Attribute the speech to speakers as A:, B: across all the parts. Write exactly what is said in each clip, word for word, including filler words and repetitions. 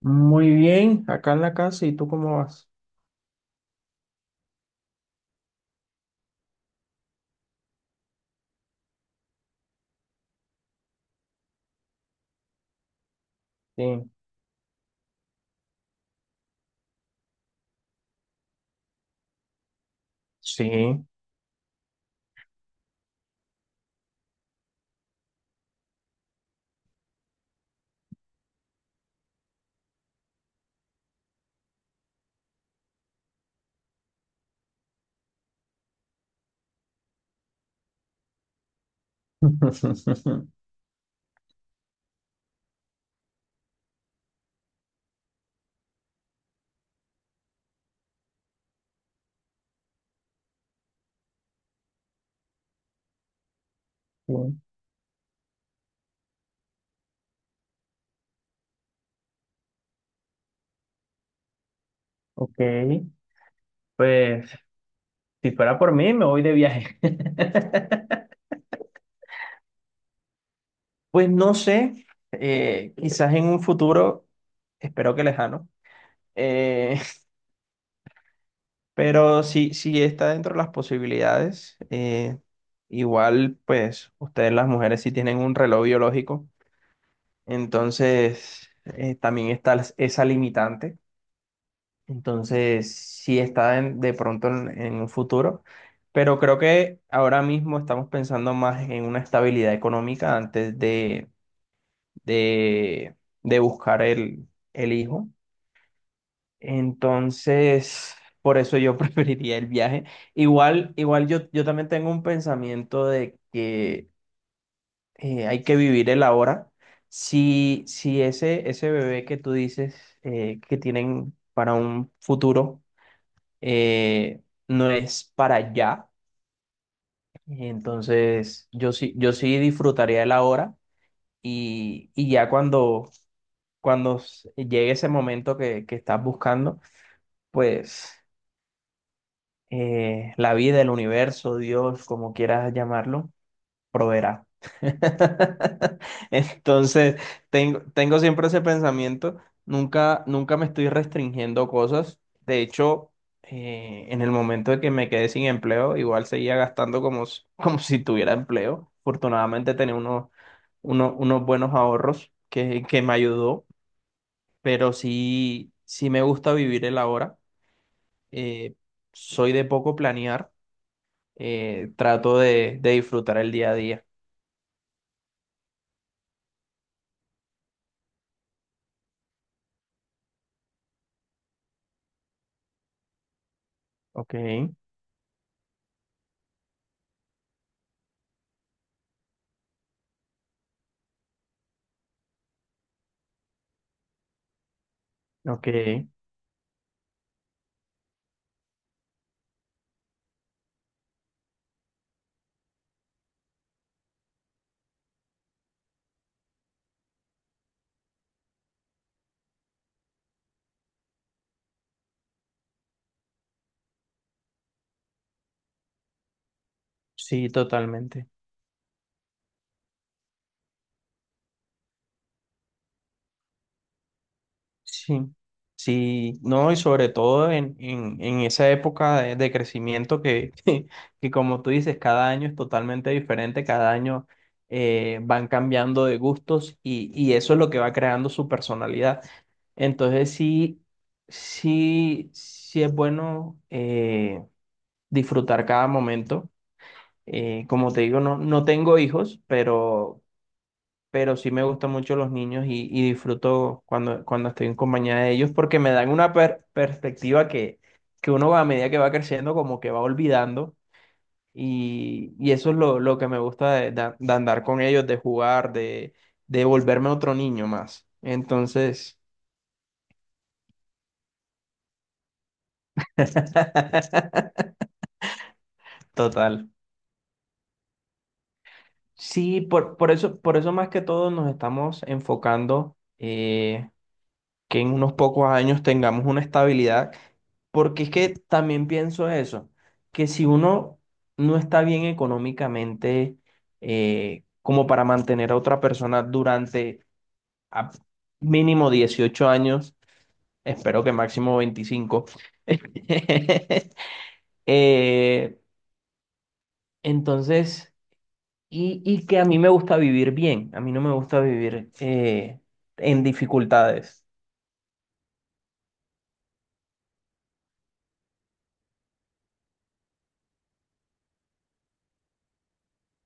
A: Muy bien, acá en la casa, ¿y tú cómo vas? Sí, sí. Sí. Ok, pues si fuera por mí, me voy de viaje. Pues no sé, eh, quizás en un futuro, espero que lejano, eh, pero si, si está dentro de las posibilidades, eh, igual pues ustedes las mujeres sí tienen un reloj biológico, entonces eh, también está las- esa limitante. Entonces, sí está en- de pronto en, en un futuro, pero creo que ahora mismo estamos pensando más en una estabilidad económica antes de, de, de buscar el, el hijo. Entonces, por eso yo preferiría el viaje. Igual, igual yo, yo también tengo un pensamiento de que eh, hay que vivir el ahora. Si, si ese, ese bebé que tú dices eh, que tienen para un futuro, eh, no es para allá. Entonces, yo sí, yo sí disfrutaría de la hora y, y ya cuando, cuando s- llegue ese momento que, que estás buscando, pues eh, la vida, el universo, Dios, como quieras llamarlo, proveerá. Entonces, tengo, tengo siempre ese pensamiento, nunca, nunca me estoy restringiendo cosas. De hecho, eh, en el momento de que me quedé sin empleo, igual seguía gastando como, s- como si tuviera empleo. Afortunadamente tenía unos, uno- unos buenos ahorros que, que me ayudó, pero sí, sí me gusta vivir el ahora. Eh, Soy de poco planear, eh, trato de, de disfrutar el día a día. Ok. Ok, sí, totalmente. Sí, sí, no, y sobre todo en, en, en esa época de, de crecimiento que, que, como tú dices, cada año es totalmente diferente, cada año eh, van cambiando de gustos y, y, eso es lo que va creando su personalidad. Entonces, sí, sí, sí es bueno eh, disfrutar cada momento. Eh, como te digo, no, no tengo hijos, pero, pero sí me gustan mucho los niños y, y disfruto cuando, cuando estoy en compañía de ellos porque me dan una per- perspectiva que, que uno va a medida que va creciendo como que va olvidando y, y eso es lo, lo que me gusta de, de- de andar con ellos, de jugar, de, de volverme otro niño más. Entonces, total. Sí, por, por eso, por eso más que todo nos estamos enfocando, eh, que en unos pocos años tengamos una estabilidad. Porque es que también pienso eso, que si uno no está bien económicamente, eh, como para mantener a otra persona durante a mínimo dieciocho años, espero que máximo veinticinco. eh, entonces, y, y que a mí me gusta vivir bien, a mí no me gusta vivir eh, en dificultades.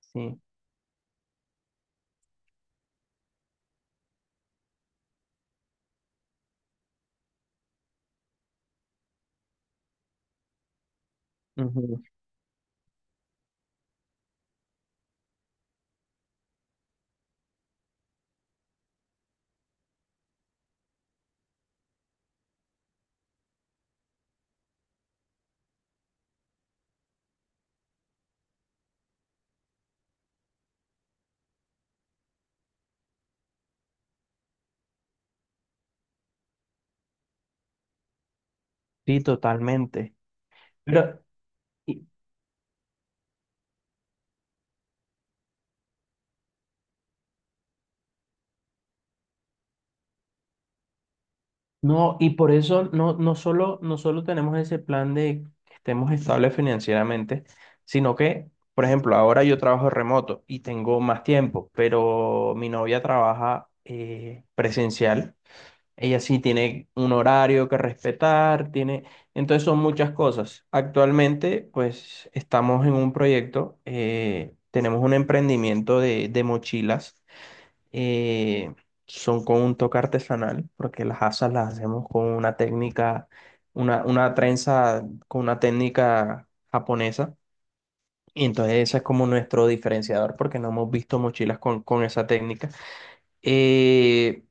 A: Sí. Ujú. Sí, totalmente. Pero no, y por eso no, no solo, no solo tenemos ese plan de que estemos estables financieramente, sino que, por ejemplo, ahora yo trabajo remoto y tengo más tiempo, pero mi novia trabaja eh, presencial. Ella sí tiene un horario que respetar, tiene. Entonces son muchas cosas. Actualmente, pues estamos en un proyecto. Eh, tenemos un emprendimiento de, de mochilas, eh, son con un toque artesanal, porque las asas las hacemos con una técnica, una, una trenza con una técnica japonesa. Y entonces ese es como nuestro diferenciador, porque no hemos visto mochilas con, con, esa técnica. Eh,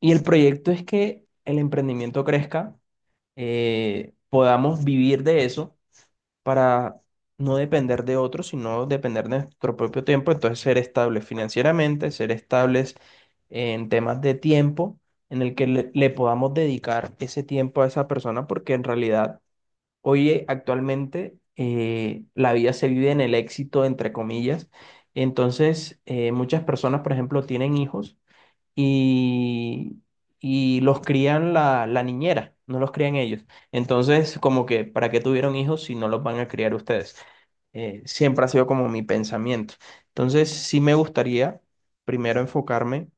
A: y el proyecto es que el emprendimiento crezca, eh, podamos vivir de eso para no depender de otros, sino depender de nuestro propio tiempo. Entonces, ser estables financieramente, ser estables en temas de tiempo en el que le, le podamos dedicar ese tiempo a esa persona, porque en realidad hoy eh, actualmente eh, la vida se vive en el éxito, entre comillas. Entonces, eh, muchas personas, por ejemplo, tienen hijos y, y los crían la, la niñera, no los crían ellos. Entonces, como que ¿para qué tuvieron hijos si no los van a criar ustedes? Eh, siempre ha sido como mi pensamiento. Entonces, sí me gustaría primero enfocarme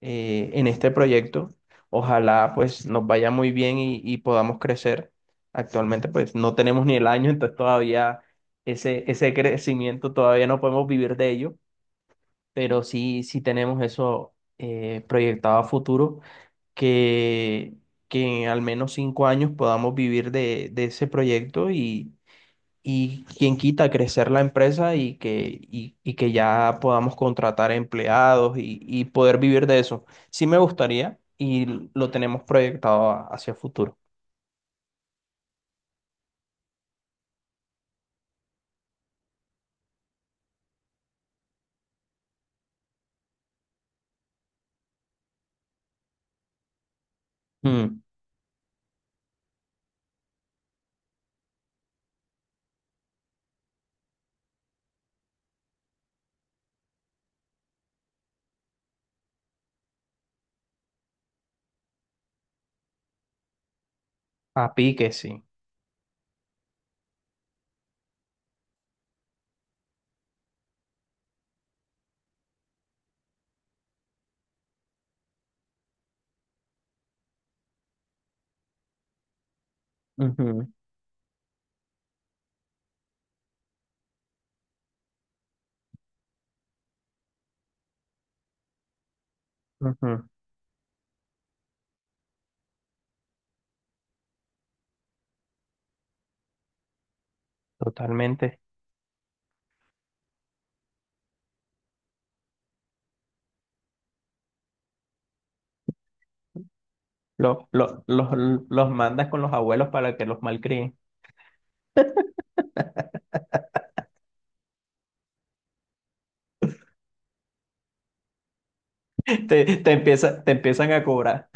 A: eh, en este proyecto. Ojalá pues nos vaya muy bien y, y podamos crecer. Actualmente pues no tenemos ni el año, entonces todavía ese, ese crecimiento todavía no podemos vivir de ello, pero sí, sí tenemos eso, eh, proyectado a futuro, que, que en al menos cinco años podamos vivir de, de ese proyecto y, y quien quita crecer la empresa y que, y, y que ya podamos contratar empleados y, y poder vivir de eso. Sí me gustaría y lo tenemos proyectado a- hacia futuro. Mm, a pique, sí. Ujú, ujú. Totalmente. Lo- lo- los, los mandas con los abuelos para que los malcríen. Te, te empieza- te empiezan a cobrar.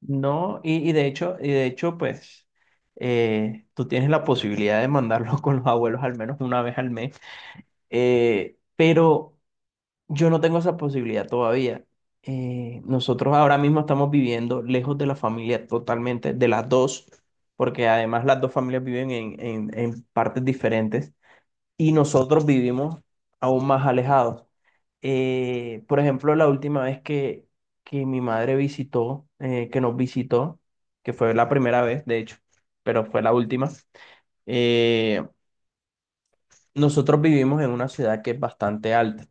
A: No, y, y de hecho, y de hecho, pues eh, tú tienes la posibilidad de mandarlo con los abuelos al menos una vez al mes, eh, pero yo no tengo esa posibilidad todavía. Eh, nosotros ahora mismo estamos viviendo lejos de la familia totalmente, de las dos, porque además las dos familias viven en, en, en partes diferentes y nosotros vivimos aún más alejados. Eh, por ejemplo, la última vez que, que mi madre visitó, eh, que nos visitó, que fue la primera vez, de hecho, pero fue la última, eh, nosotros vivimos en una ciudad que es bastante alta.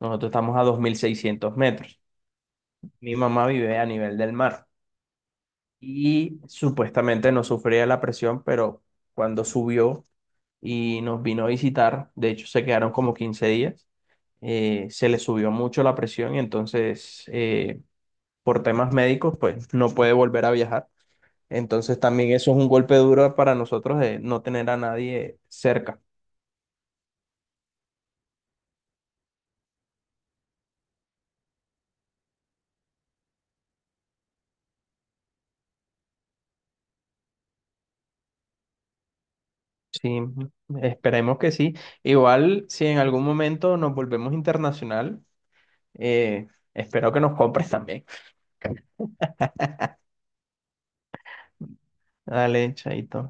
A: Nosotros estamos a dos mil seiscientos metros. Mi mamá vive a nivel del mar. Y supuestamente no sufría la presión, pero cuando subió y nos vino a visitar, de hecho se quedaron como quince días, eh, se le subió mucho la presión y entonces, eh, por temas médicos pues no puede volver a viajar. Entonces también eso es un golpe duro para nosotros de no tener a nadie cerca. Sí, esperemos que sí. Igual si en algún momento nos volvemos internacional, eh, espero que nos compres también. Dale, chaito.